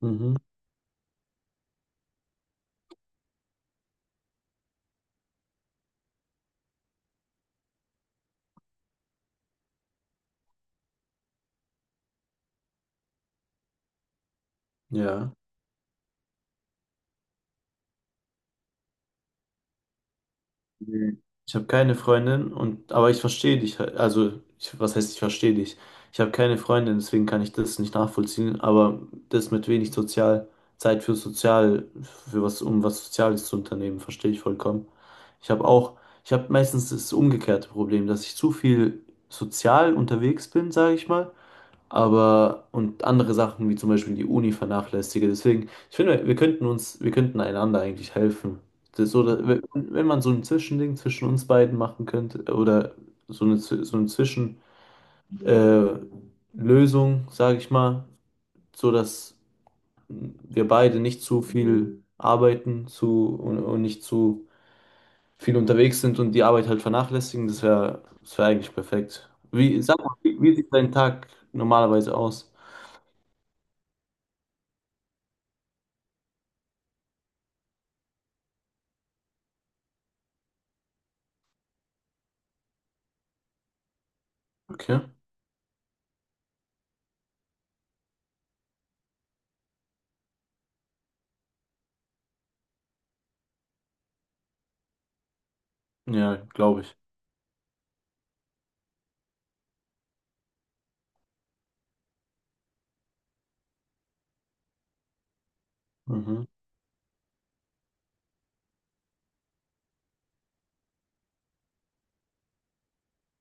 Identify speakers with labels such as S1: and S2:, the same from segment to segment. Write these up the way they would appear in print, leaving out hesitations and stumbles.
S1: Mhm. Ja. Mhm. Ich habe keine Freundin und aber ich verstehe dich. Also, ich, was heißt, ich verstehe dich? Ich habe keine Freundin, deswegen kann ich das nicht nachvollziehen, aber das mit wenig sozial Zeit für sozial für was um was Soziales zu unternehmen, verstehe ich vollkommen. Ich habe auch ich habe meistens das umgekehrte Problem, dass ich zu viel sozial unterwegs bin, sage ich mal, aber und andere Sachen wie zum Beispiel die Uni vernachlässige. Deswegen, ich finde, wir könnten uns, wir könnten einander eigentlich helfen. Das ist so, wenn wenn man so ein Zwischending zwischen uns beiden machen könnte oder so eine, so eine Zwischen, äh, Lösung, sage ich mal, so dass wir beide nicht zu viel arbeiten und nicht zu viel unterwegs sind und die Arbeit halt vernachlässigen, das wäre das wär eigentlich perfekt. Wie, sag mal, wie, wie sieht dein Tag normalerweise aus? Okay. Ja, glaube ich. Mhm.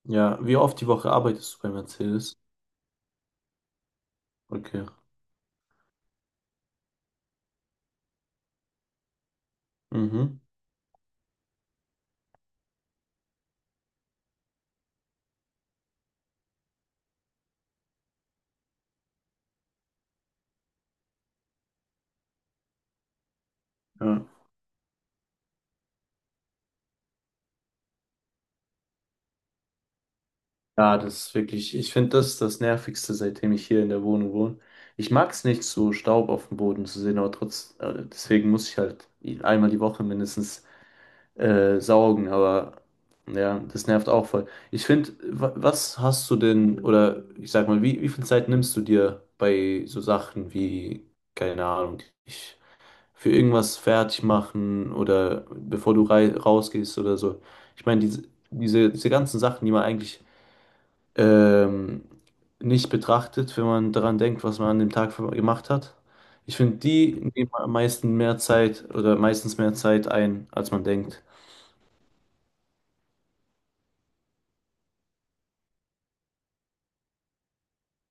S1: Ja, wie oft die Woche arbeitest du bei Mercedes? Okay. Mhm. Ja. Ja, das ist wirklich, ich finde das ist das Nervigste, seitdem ich hier in der Wohnung wohne. Ich mag es nicht, so Staub auf dem Boden zu sehen, aber trotz, deswegen muss ich halt einmal die Woche mindestens saugen, aber ja, das nervt auch voll. Ich finde, was hast du denn, oder ich sag mal, wie, wie viel Zeit nimmst du dir bei so Sachen wie, keine Ahnung, ich. Für irgendwas fertig machen oder bevor du rausgehst oder so. Ich meine, diese ganzen Sachen, die man eigentlich ähm, nicht betrachtet, wenn man daran denkt, was man an dem Tag gemacht hat. Ich finde, die nehmen am meisten mehr Zeit oder meistens mehr Zeit ein, als man denkt.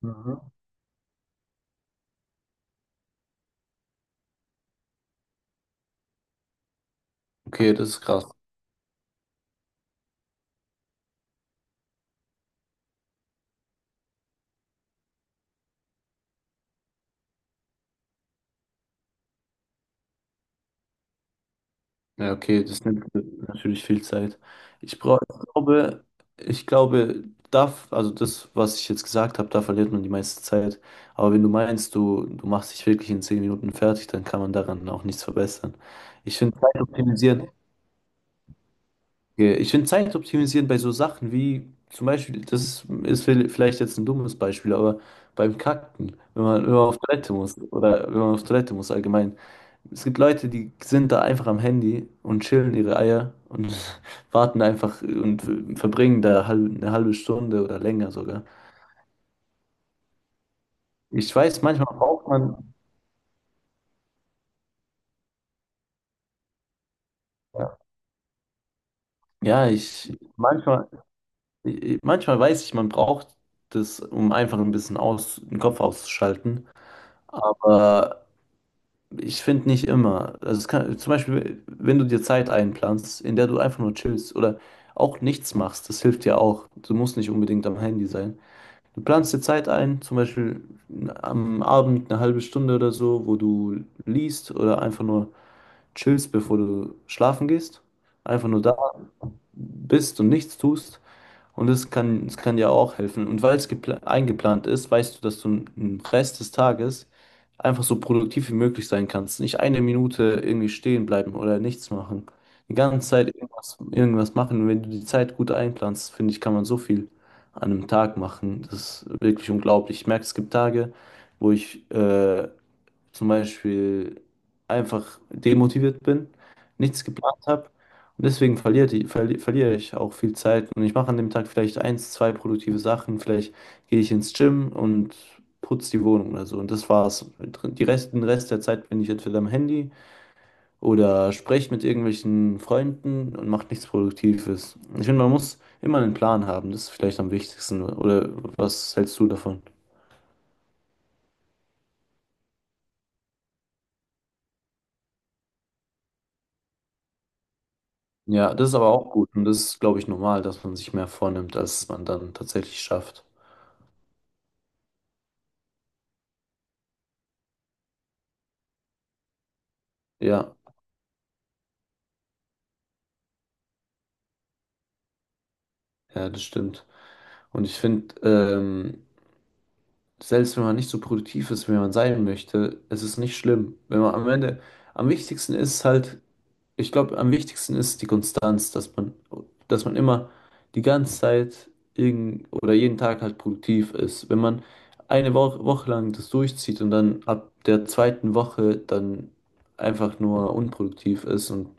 S1: Mhm. Okay, das ist krass. Ja, okay, das nimmt natürlich viel Zeit. Ich brauche, ich glaube, ich glaube, darf, also das, was ich jetzt gesagt habe, da verliert man die meiste Zeit. Aber wenn du meinst, du machst dich wirklich in zehn Minuten fertig, dann kann man daran auch nichts verbessern. Ich finde Zeit optimisieren, Ich finde Zeit optimisieren bei so Sachen wie zum Beispiel, ist vielleicht jetzt ein dummes Beispiel, aber beim Kacken, wenn man auf Toilette muss oder wenn man auf Toilette muss allgemein. Es gibt Leute, die sind da einfach am Handy und chillen ihre Eier und warten einfach und verbringen da eine halbe Stunde oder länger sogar. Ich weiß, manchmal braucht man, ja, ja, ich, manchmal, manchmal weiß ich, man braucht das, um einfach ein bisschen aus, den Kopf auszuschalten, aber ich finde nicht immer. Also es kann, zum Beispiel, wenn du dir Zeit einplanst, in der du einfach nur chillst oder auch nichts machst, das hilft ja auch. Du musst nicht unbedingt am Handy sein. Du planst dir Zeit ein, zum Beispiel am Abend eine halbe Stunde oder so, wo du liest oder einfach nur chillst, bevor du schlafen gehst. Einfach nur da bist und nichts tust. Und es kann dir auch helfen. Und weil es eingeplant ist, weißt du, dass du im Rest des Tages einfach so produktiv wie möglich sein kannst. Nicht eine Minute irgendwie stehen bleiben oder nichts machen. Die ganze Zeit irgendwas machen. Und wenn du die Zeit gut einplanst, finde ich, kann man so viel an einem Tag machen. Das ist wirklich unglaublich. Ich merke, es gibt Tage, wo ich zum Beispiel einfach demotiviert bin, nichts geplant habe. Und deswegen verliere, die, verli verliere ich auch viel Zeit. Und ich mache an dem Tag vielleicht eins, zwei produktive Sachen. Vielleicht gehe ich ins Gym und putze die Wohnung oder so. Und das war's. Den Rest der Zeit bin ich entweder am Handy oder spreche mit irgendwelchen Freunden und mache nichts Produktives. Ich finde, man muss immer einen Plan haben. Das ist vielleicht am wichtigsten. Oder was hältst du davon? Ja, das ist aber auch gut und das ist, glaube ich, normal, dass man sich mehr vornimmt, als man dann tatsächlich schafft. Ja, ja, das stimmt. Und ich finde, selbst wenn man nicht so produktiv ist, wie man sein möchte, es ist nicht schlimm. Wenn man am Ende, am wichtigsten ist halt ich glaube, am wichtigsten ist die Konstanz, dass man immer die ganze Zeit irgend, oder jeden Tag halt produktiv ist. Wenn man eine Woche lang das durchzieht und dann ab der zweiten Woche dann einfach nur unproduktiv ist und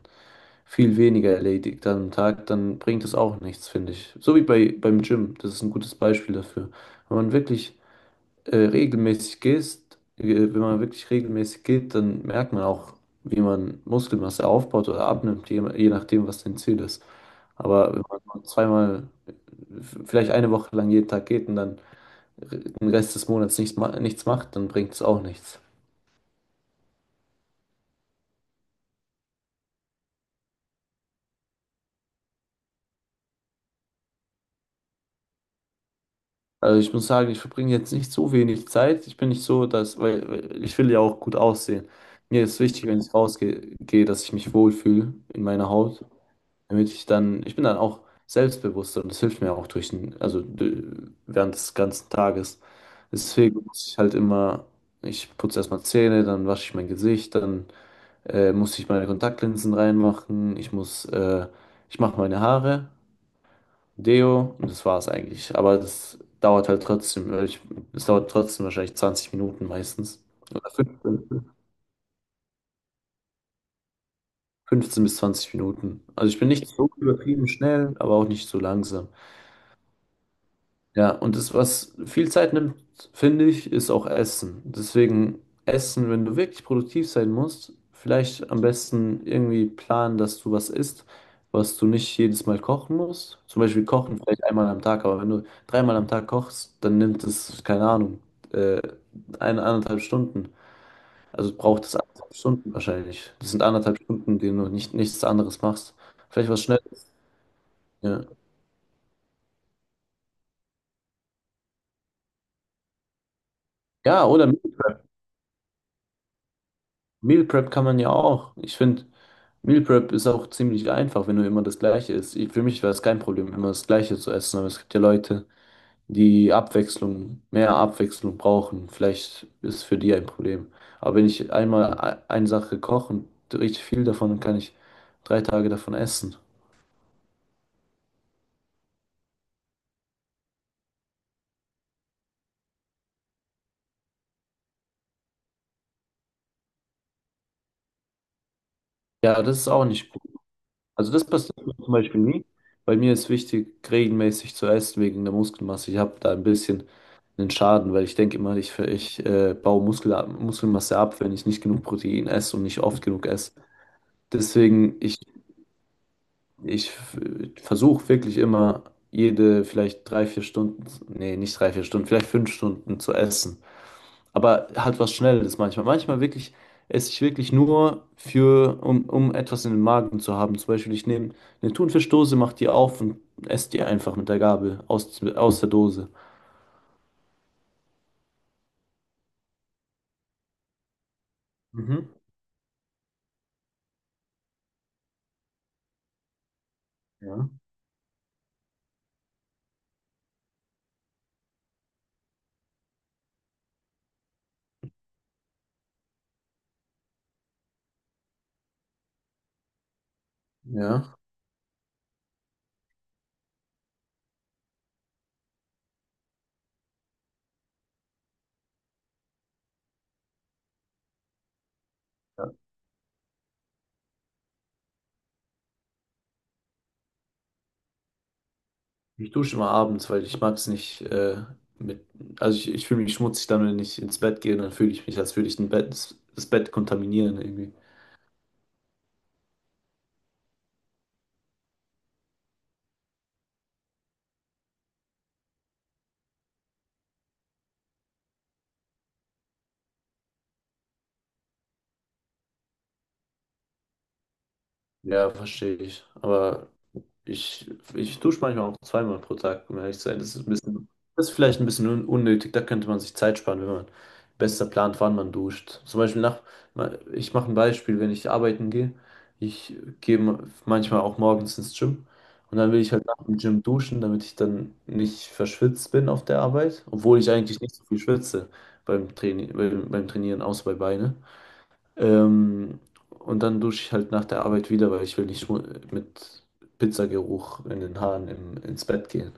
S1: viel weniger erledigt am Tag, dann bringt das auch nichts, finde ich. So wie bei, beim Gym, das ist ein gutes Beispiel dafür. Wenn man wirklich regelmäßig gehst, Wenn man wirklich regelmäßig geht, dann merkt man auch, wie man Muskelmasse aufbaut oder abnimmt, je, je nachdem, was dein Ziel ist. Aber wenn man nur zweimal, vielleicht eine Woche lang jeden Tag geht und dann den Rest des Monats nichts, nichts macht, dann bringt es auch nichts. Also ich muss sagen, ich verbringe jetzt nicht so wenig Zeit. Ich bin nicht so, dass, weil weil ich will ja auch gut aussehen. Mir ist wichtig, wenn ich gehe, dass ich mich wohlfühle in meiner Haut. Damit ich dann, ich bin dann auch selbstbewusster und das hilft mir auch durch den, während des ganzen Tages. Deswegen muss ich halt immer, ich putze erstmal Zähne, dann wasche ich mein Gesicht, dann muss ich meine Kontaktlinsen reinmachen, ich mache meine Haare, Deo und das war's eigentlich. Aber das dauert halt trotzdem, weil ich, es dauert trotzdem wahrscheinlich 20 Minuten meistens. Oder 15 bis 20 Minuten. Also ich bin nicht so übertrieben schnell, aber auch nicht so langsam. Ja, und das, was viel Zeit nimmt, finde ich, ist auch Essen. Deswegen Essen, wenn du wirklich produktiv sein musst, vielleicht am besten irgendwie planen, dass du was isst, was du nicht jedes Mal kochen musst. Zum Beispiel kochen vielleicht einmal am Tag, aber wenn du dreimal am Tag kochst, dann nimmt es, keine Ahnung, äh, eine, anderthalb Stunden. Also braucht es anderthalb Stunden wahrscheinlich. Das sind anderthalb Stunden, denen du nicht, nichts anderes machst. Vielleicht was schnell. Ja, ja oder Meal Prep kann man ja auch. Ich finde, Meal Prep ist auch ziemlich einfach, wenn du immer das Gleiche isst. Für mich war es kein Problem, immer das Gleiche zu essen, aber es gibt ja Leute, die mehr Abwechslung brauchen. Vielleicht ist es für die ein Problem. Aber wenn ich einmal eine Sache koche und richtig viel davon, dann kann ich drei Tage davon essen. Ja, das ist auch nicht. Also das passiert mir zum Beispiel nie. Bei mir ist wichtig, regelmäßig zu essen wegen der Muskelmasse. Ich habe da ein bisschen einen Schaden, weil ich denke immer, ich baue Muskelmasse ab, wenn ich nicht genug Protein esse und nicht oft genug esse. Deswegen, ich versuche wirklich immer jede vielleicht drei, vier Stunden, nee, nicht drei, vier Stunden, vielleicht fünf Stunden zu essen. Aber halt was Schnelles manchmal. Manchmal wirklich esse ich wirklich nur um etwas in den Magen zu haben. Zum Beispiel, ich nehme eine Thunfischdose, mache die auf und esse die einfach mit der Gabel aus der Dose. Mhm. Ja. Ja. Ich dusche immer abends, weil ich mag es nicht mit. Also ich fühle mich schmutzig dann, wenn ich ins Bett gehe, dann fühle ich mich, als würde ich das Bett kontaminieren irgendwie. Ja, verstehe ich. Aber Ich, ich dusche manchmal auch zweimal pro Tag, um ehrlich zu sein. Das ist vielleicht ein bisschen unnötig. Da könnte man sich Zeit sparen, wenn man besser plant, wann man duscht. Zum Beispiel nach, ich mache ein Beispiel, wenn ich arbeiten gehe. Ich gehe ma- manchmal auch morgens ins Gym und dann will ich halt nach dem Gym duschen, damit ich dann nicht verschwitzt bin auf der Arbeit, obwohl ich eigentlich nicht so viel schwitze beim Training, beim Trainieren, außer bei Beine. Ähm, und dann dusche ich halt nach der Arbeit wieder, weil ich will nicht mit Pizzageruch in den ins Bett gehen.